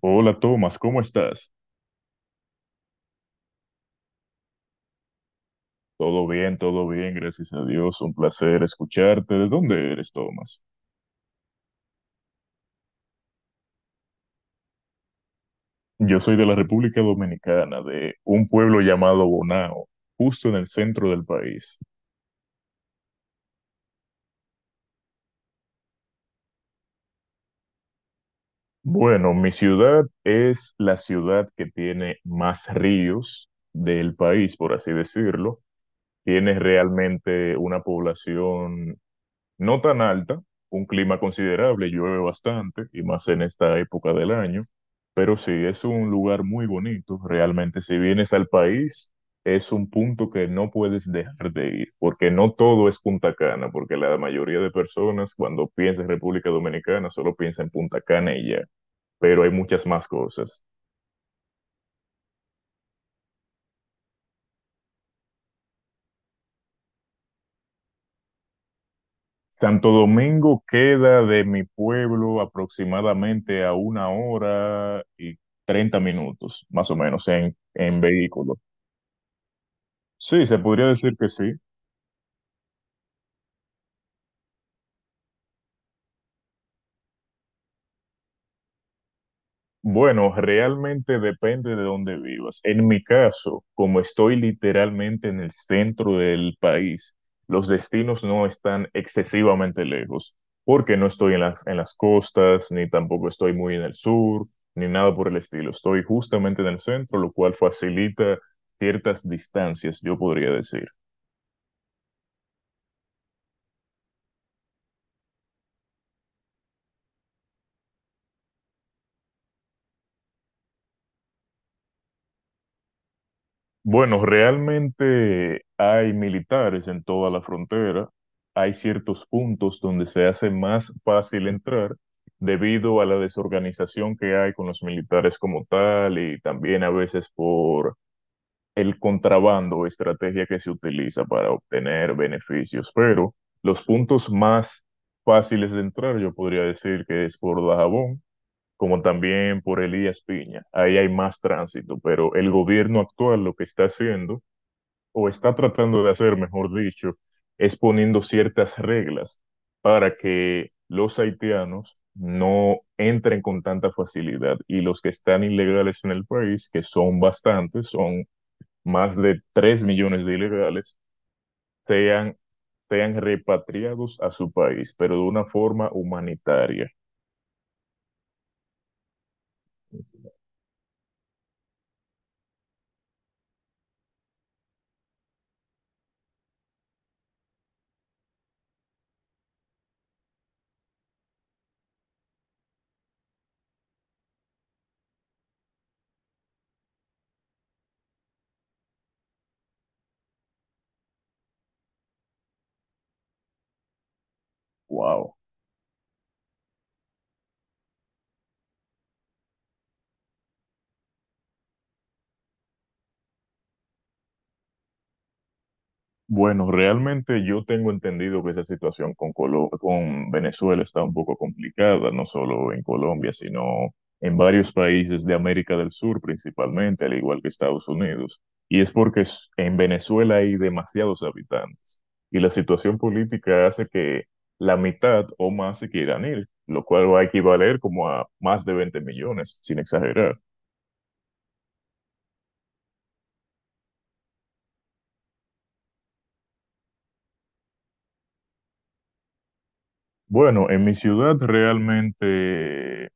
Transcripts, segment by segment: Hola Tomás, ¿cómo estás? Todo bien, gracias a Dios. Un placer escucharte. ¿De dónde eres, Tomás? Yo soy de la República Dominicana, de un pueblo llamado Bonao, justo en el centro del país. Bueno, mi ciudad es la ciudad que tiene más ríos del país, por así decirlo. Tiene realmente una población no tan alta, un clima considerable, llueve bastante y más en esta época del año, pero sí, es un lugar muy bonito. Realmente, si vienes al país, es un punto que no puedes dejar de ir, porque no todo es Punta Cana, porque la mayoría de personas cuando piensa en República Dominicana solo piensa en Punta Cana y ya, pero hay muchas más cosas. Santo Domingo queda de mi pueblo aproximadamente a una hora y 30 minutos, más o menos, en vehículo. Sí, se podría decir que sí. Bueno, realmente depende de dónde vivas. En mi caso, como estoy literalmente en el centro del país, los destinos no están excesivamente lejos, porque no estoy en las costas, ni tampoco estoy muy en el sur, ni nada por el estilo. Estoy justamente en el centro, lo cual facilita ciertas distancias, yo podría decir. Bueno, realmente hay militares en toda la frontera. Hay ciertos puntos donde se hace más fácil entrar debido a la desorganización que hay con los militares como tal y también a veces por el contrabando o estrategia que se utiliza para obtener beneficios. Pero los puntos más fáciles de entrar, yo podría decir que es por Dajabón, como también por Elías Piña. Ahí hay más tránsito, pero el gobierno actual lo que está haciendo o está tratando de hacer, mejor dicho, es poniendo ciertas reglas para que los haitianos no entren con tanta facilidad y los que están ilegales en el país, que son bastantes, son más de 3 millones de ilegales, sean, sean repatriados a su país, pero de una forma humanitaria. Wow. Bueno, realmente yo tengo entendido que esa situación con con Venezuela está un poco complicada, no solo en Colombia, sino en varios países de América del Sur principalmente, al igual que Estados Unidos. Y es porque en Venezuela hay demasiados habitantes y la situación política hace que la mitad o más se quieran ir, lo cual va a equivaler como a más de 20 millones, sin exagerar. Bueno, en mi ciudad realmente...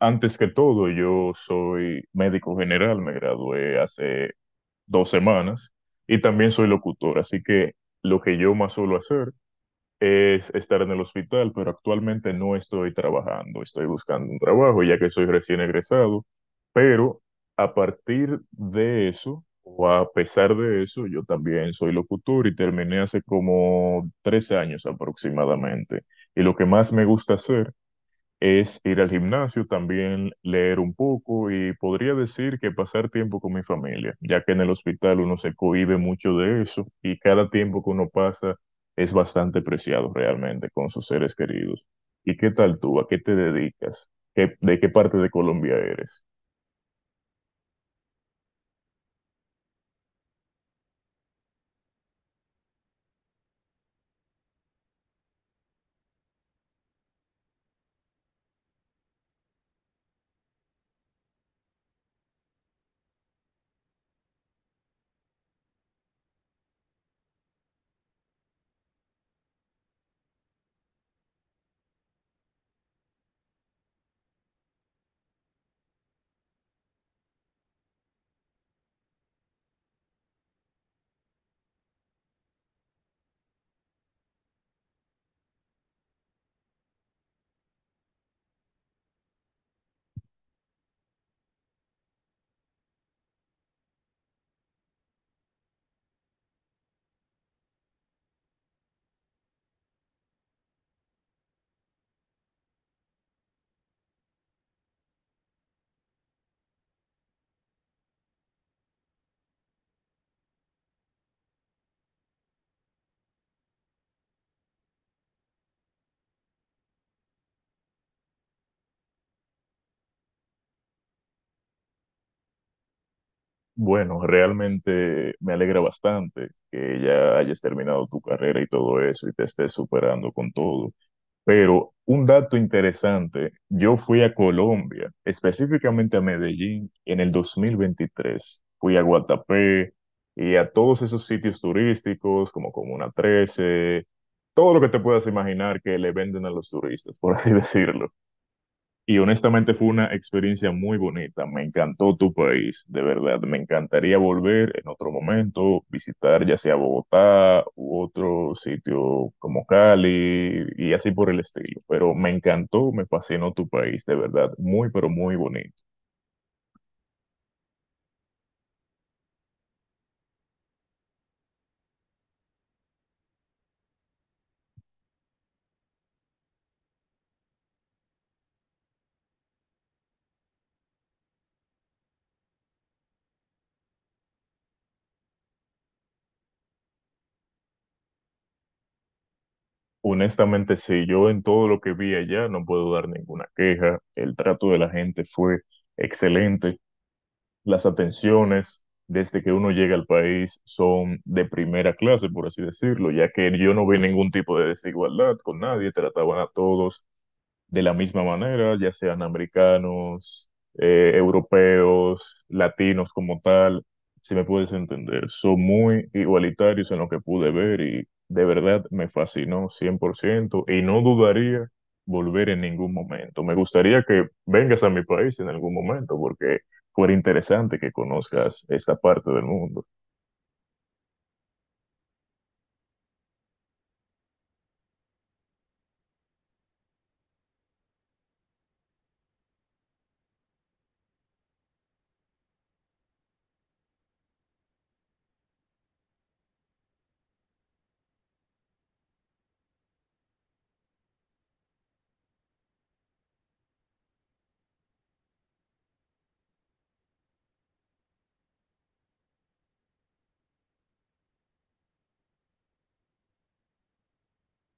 Antes que todo, yo soy médico general, me gradué hace 2 semanas y también soy locutor, así que lo que yo más suelo hacer es estar en el hospital, pero actualmente no estoy trabajando, estoy buscando un trabajo ya que soy recién egresado, pero a partir de eso, o a pesar de eso, yo también soy locutor y terminé hace como 3 años aproximadamente. Y lo que más me gusta hacer es ir al gimnasio, también leer un poco y podría decir que pasar tiempo con mi familia, ya que en el hospital uno se cohíbe mucho de eso y cada tiempo que uno pasa es bastante preciado realmente con sus seres queridos. ¿Y qué tal tú? ¿A qué te dedicas? ¿De qué parte de Colombia eres? Bueno, realmente me alegra bastante que ya hayas terminado tu carrera y todo eso y te estés superando con todo. Pero un dato interesante, yo fui a Colombia, específicamente a Medellín, en el 2023. Fui a Guatapé y a todos esos sitios turísticos, como Comuna Trece, todo lo que te puedas imaginar que le venden a los turistas, por así decirlo. Y honestamente fue una experiencia muy bonita. Me encantó tu país, de verdad. Me encantaría volver en otro momento, visitar ya sea Bogotá u otro sitio como Cali y así por el estilo. Pero me encantó, me fascinó tu país, de verdad. Muy, pero muy bonito. Honestamente, sí, yo en todo lo que vi allá no puedo dar ninguna queja. El trato de la gente fue excelente. Las atenciones desde que uno llega al país son de primera clase, por así decirlo, ya que yo no vi ningún tipo de desigualdad con nadie, trataban a todos de la misma manera, ya sean americanos, europeos, latinos como tal, si me puedes entender, son muy igualitarios en lo que pude ver y de verdad me fascinó 100% y no dudaría volver en ningún momento. Me gustaría que vengas a mi país en algún momento porque fuera interesante que conozcas esta parte del mundo.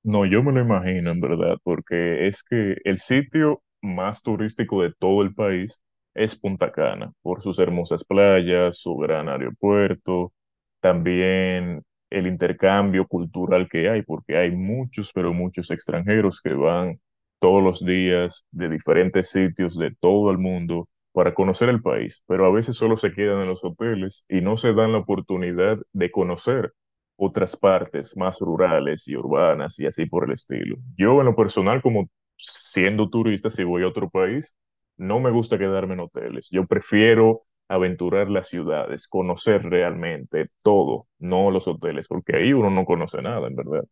No, yo me lo imagino en verdad, porque es que el sitio más turístico de todo el país es Punta Cana, por sus hermosas playas, su gran aeropuerto, también el intercambio cultural que hay, porque hay muchos, pero muchos extranjeros que van todos los días de diferentes sitios de todo el mundo para conocer el país, pero a veces solo se quedan en los hoteles y no se dan la oportunidad de conocer otras partes más rurales y urbanas y así por el estilo. Yo en lo personal, como siendo turista, si voy a otro país, no me gusta quedarme en hoteles. Yo prefiero aventurar las ciudades, conocer realmente todo, no los hoteles, porque ahí uno no conoce nada, en verdad.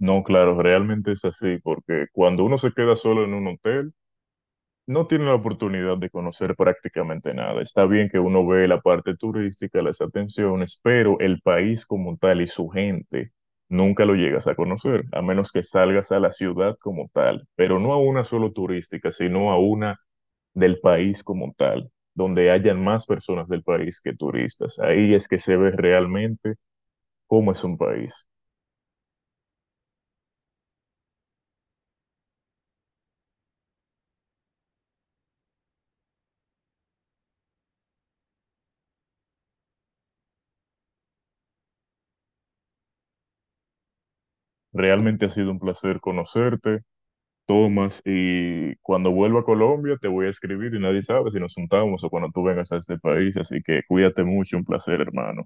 No, claro, realmente es así, porque cuando uno se queda solo en un hotel, no tiene la oportunidad de conocer prácticamente nada. Está bien que uno ve la parte turística, las atenciones, pero el país como tal y su gente nunca lo llegas a conocer, a menos que salgas a la ciudad como tal, pero no a una solo turística, sino a una del país como tal, donde hayan más personas del país que turistas. Ahí es que se ve realmente cómo es un país. Realmente ha sido un placer conocerte. Tomas, y cuando vuelva a Colombia te voy a escribir y nadie sabe si nos juntamos o cuando tú vengas a este país, así que cuídate mucho, un placer, hermano.